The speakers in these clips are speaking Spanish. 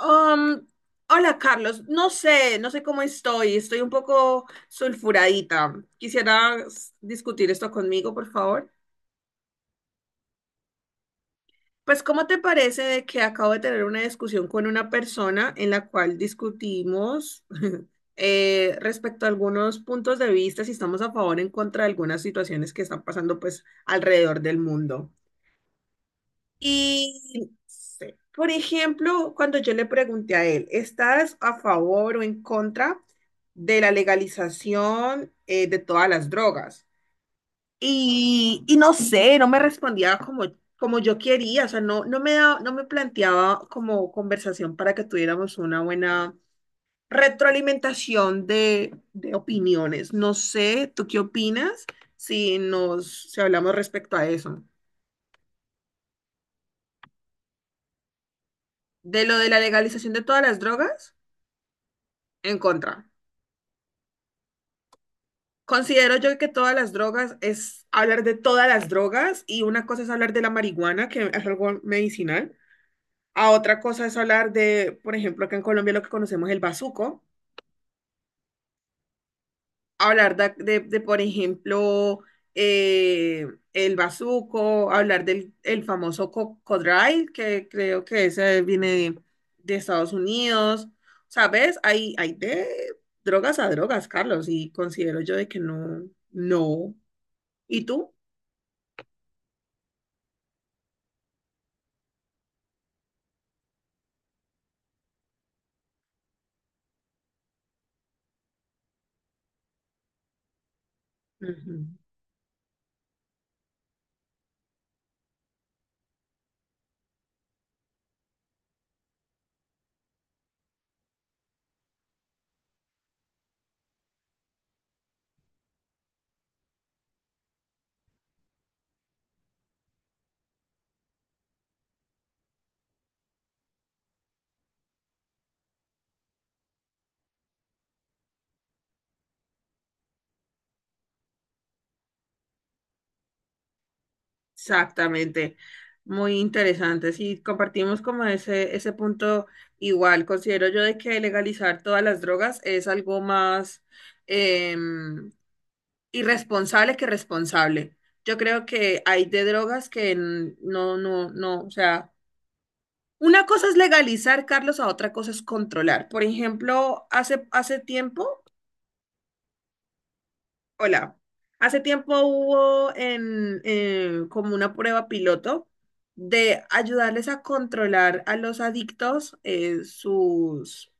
Um, Hola Carlos, no sé cómo estoy, estoy un poco sulfuradita. ¿Quisieras discutir esto conmigo, por favor? Pues, ¿cómo te parece de que acabo de tener una discusión con una persona en la cual discutimos respecto a algunos puntos de vista, si estamos a favor o en contra de algunas situaciones que están pasando pues alrededor del mundo? Y, sí, por ejemplo, cuando yo le pregunté a él, ¿estás a favor o en contra de la legalización de todas las drogas? Y no sé, no me respondía como, como yo quería, o sea, no me planteaba como conversación para que tuviéramos una buena retroalimentación de opiniones. No sé, ¿tú qué opinas si hablamos respecto a eso? ¿De lo de la legalización de todas las drogas? En contra. Considero yo que todas las drogas es hablar de todas las drogas y una cosa es hablar de la marihuana, que es algo medicinal, a otra cosa es hablar de, por ejemplo, acá en Colombia lo que conocemos el bazuco, hablar de, por ejemplo, eh, el bazuco, hablar del el famoso codral, que creo que ese viene de Estados Unidos. ¿Sabes? Hay de drogas a drogas, Carlos, y considero yo de que no, no. ¿Y tú? Ujú. Exactamente. Muy interesante. Sí, compartimos como ese punto igual. Considero yo de que legalizar todas las drogas es algo más em, irresponsable que responsable. Yo creo que hay de drogas que no, o sea, una cosa es legalizar, Carlos, a otra cosa es controlar. Por ejemplo, hace tiempo Hola, hace tiempo hubo en, como una prueba piloto de ayudarles a controlar a los adictos sus,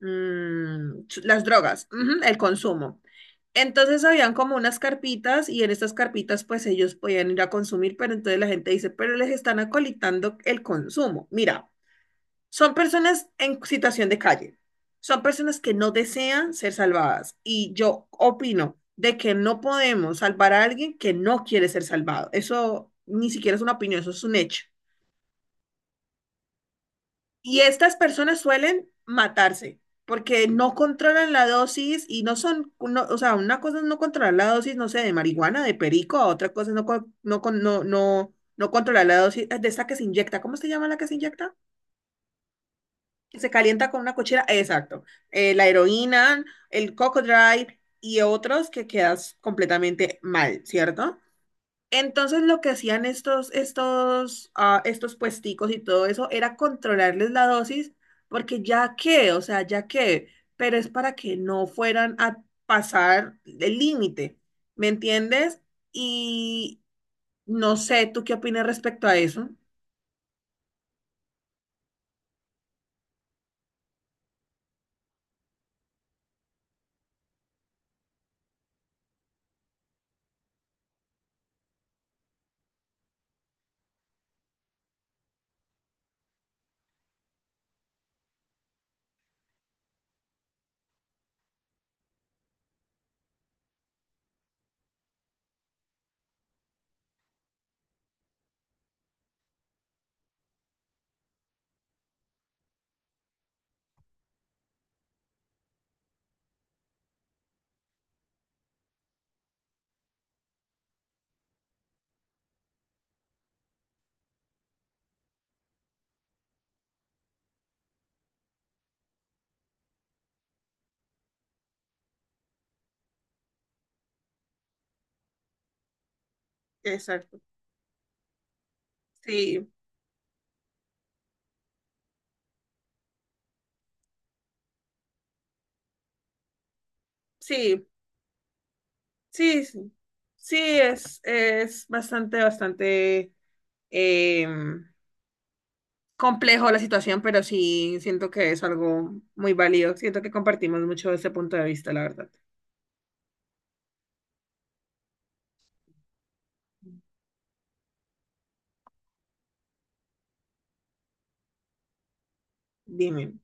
las drogas, ujú, el consumo. Entonces habían como unas carpitas y en estas carpitas pues ellos podían ir a consumir, pero entonces la gente dice, pero les están acolitando el consumo. Mira. Son personas en situación de calle. Son personas que no desean ser salvadas. Y yo opino de que no podemos salvar a alguien que no quiere ser salvado. Eso ni siquiera es una opinión, eso es un hecho. Y estas personas suelen matarse porque no controlan la dosis y no son, no- o sea, una cosa es no controlar la dosis, no sé, de marihuana, de perico, a otra cosa es no controlar la dosis de esta que se inyecta. ¿Cómo se llama la que se inyecta? Se calienta con una cochera, exacto. La heroína, el coco drive y otros que quedas completamente mal, ¿cierto? Entonces lo que hacían estos puesticos y todo eso era controlarles la dosis, porque ya que, o sea, ya que, pero es para que no fueran a pasar el límite, ¿me entiendes? Y no sé, ¿tú qué opinas respecto a eso? Exacto. Sí, sí. Sí, sí, sí, es bastante, bastante eh, complejo la situación, pero sí siento que es algo muy válido. Siento que compartimos mucho ese punto de vista, la verdad. Dime,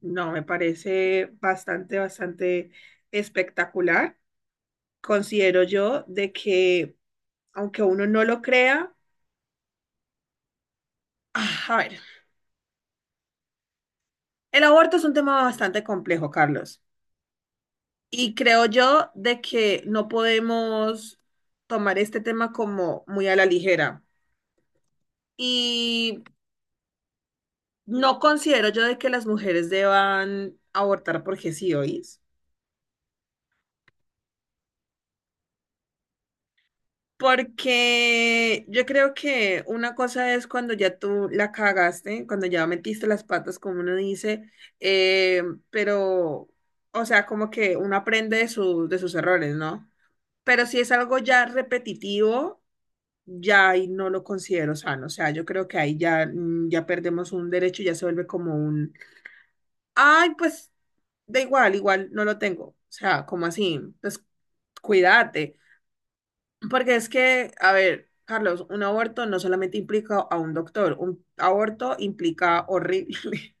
no, me parece bastante, bastante espectacular. Considero yo de que, aunque uno no lo crea, ah, a ver, el aborto es un tema bastante complejo, Carlos. Y creo yo de que no podemos tomar este tema como muy a la ligera. Y no considero yo de que las mujeres deban abortar porque sí, ¿oís? Porque yo creo que una cosa es cuando ya tú la cagaste, cuando ya metiste las patas, como uno dice, eh, pero, o sea, como que uno aprende de sus errores, ¿no? Pero si es algo ya repetitivo ya ahí no lo considero sano. O sea, yo creo que ahí ya, ya perdemos un derecho, ya se vuelve como un, ay, pues da igual, igual no lo tengo. O sea, como así, pues cuídate. Porque es que, a ver, Carlos, un aborto no solamente implica a un doctor, un aborto implica horrible.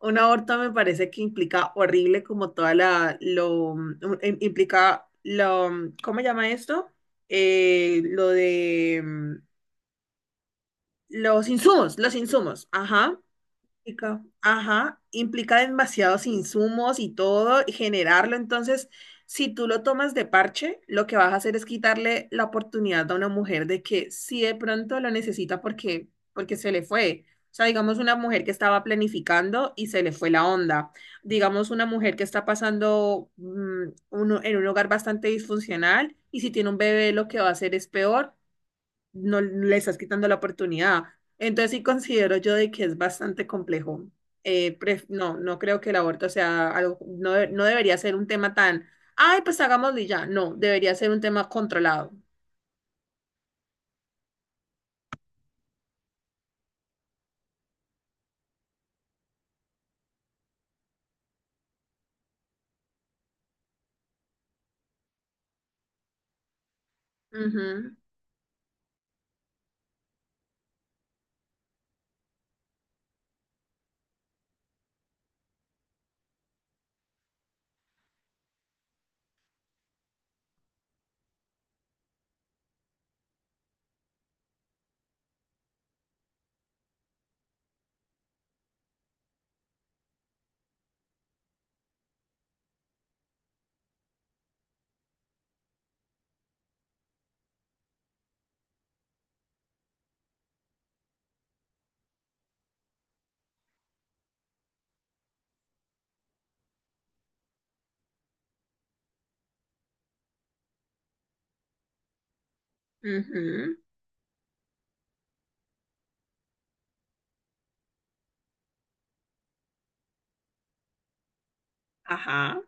Un aborto me parece que implica horrible como toda la, implica lo, ¿cómo llama esto? Eh, lo de mm, los insumos, ajá, Chica. Ajá, implica demasiados insumos y todo, y generarlo. Entonces, si tú lo tomas de parche, lo que vas a hacer es quitarle la oportunidad a una mujer de que si de pronto lo necesita porque se le fue. O sea, digamos una mujer que estaba planificando y se le fue la onda. Digamos una mujer que está pasando en un hogar bastante disfuncional y si tiene un bebé lo que va a hacer es peor no le estás quitando la oportunidad. Entonces sí considero yo de que es bastante complejo. No, no creo que el aborto sea algo, no debería ser un tema tan, ay, pues hagámoslo y ya. No, debería ser un tema controlado. Ujú, ujú, Ajá.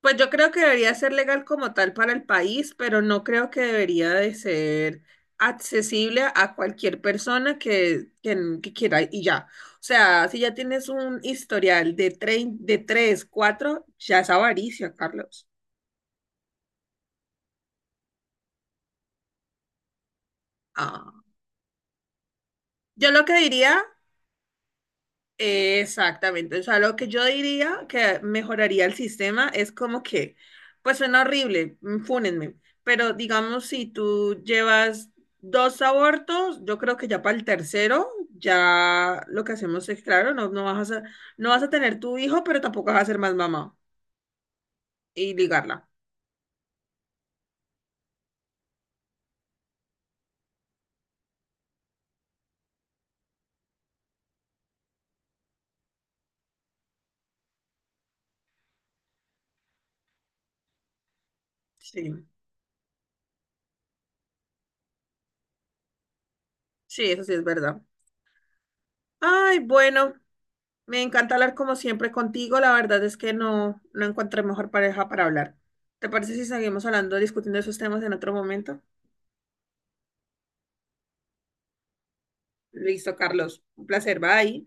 Pues yo creo que debería ser legal como tal para el país, pero no creo que debería de ser accesible a cualquier persona que quiera y ya. O sea, si ya tienes un historial de 3, 4, ya es avaricia, Carlos. Ah. Yo lo que diría. Exactamente, o sea, lo que yo diría que mejoraría el sistema es como que, pues suena horrible, fúnenme, pero digamos si tú llevas dos abortos, yo creo que ya para el tercero, ya lo que hacemos es, claro, no vas a tener tu hijo, pero tampoco vas a ser más mamá y ligarla. Sí, sí, eso sí es verdad. Ay, bueno, me encanta hablar como siempre contigo. La verdad es que no, no encontré mejor pareja para hablar. ¿Te parece si seguimos hablando, discutiendo esos temas en otro momento? Listo, Carlos. Un placer. Bye.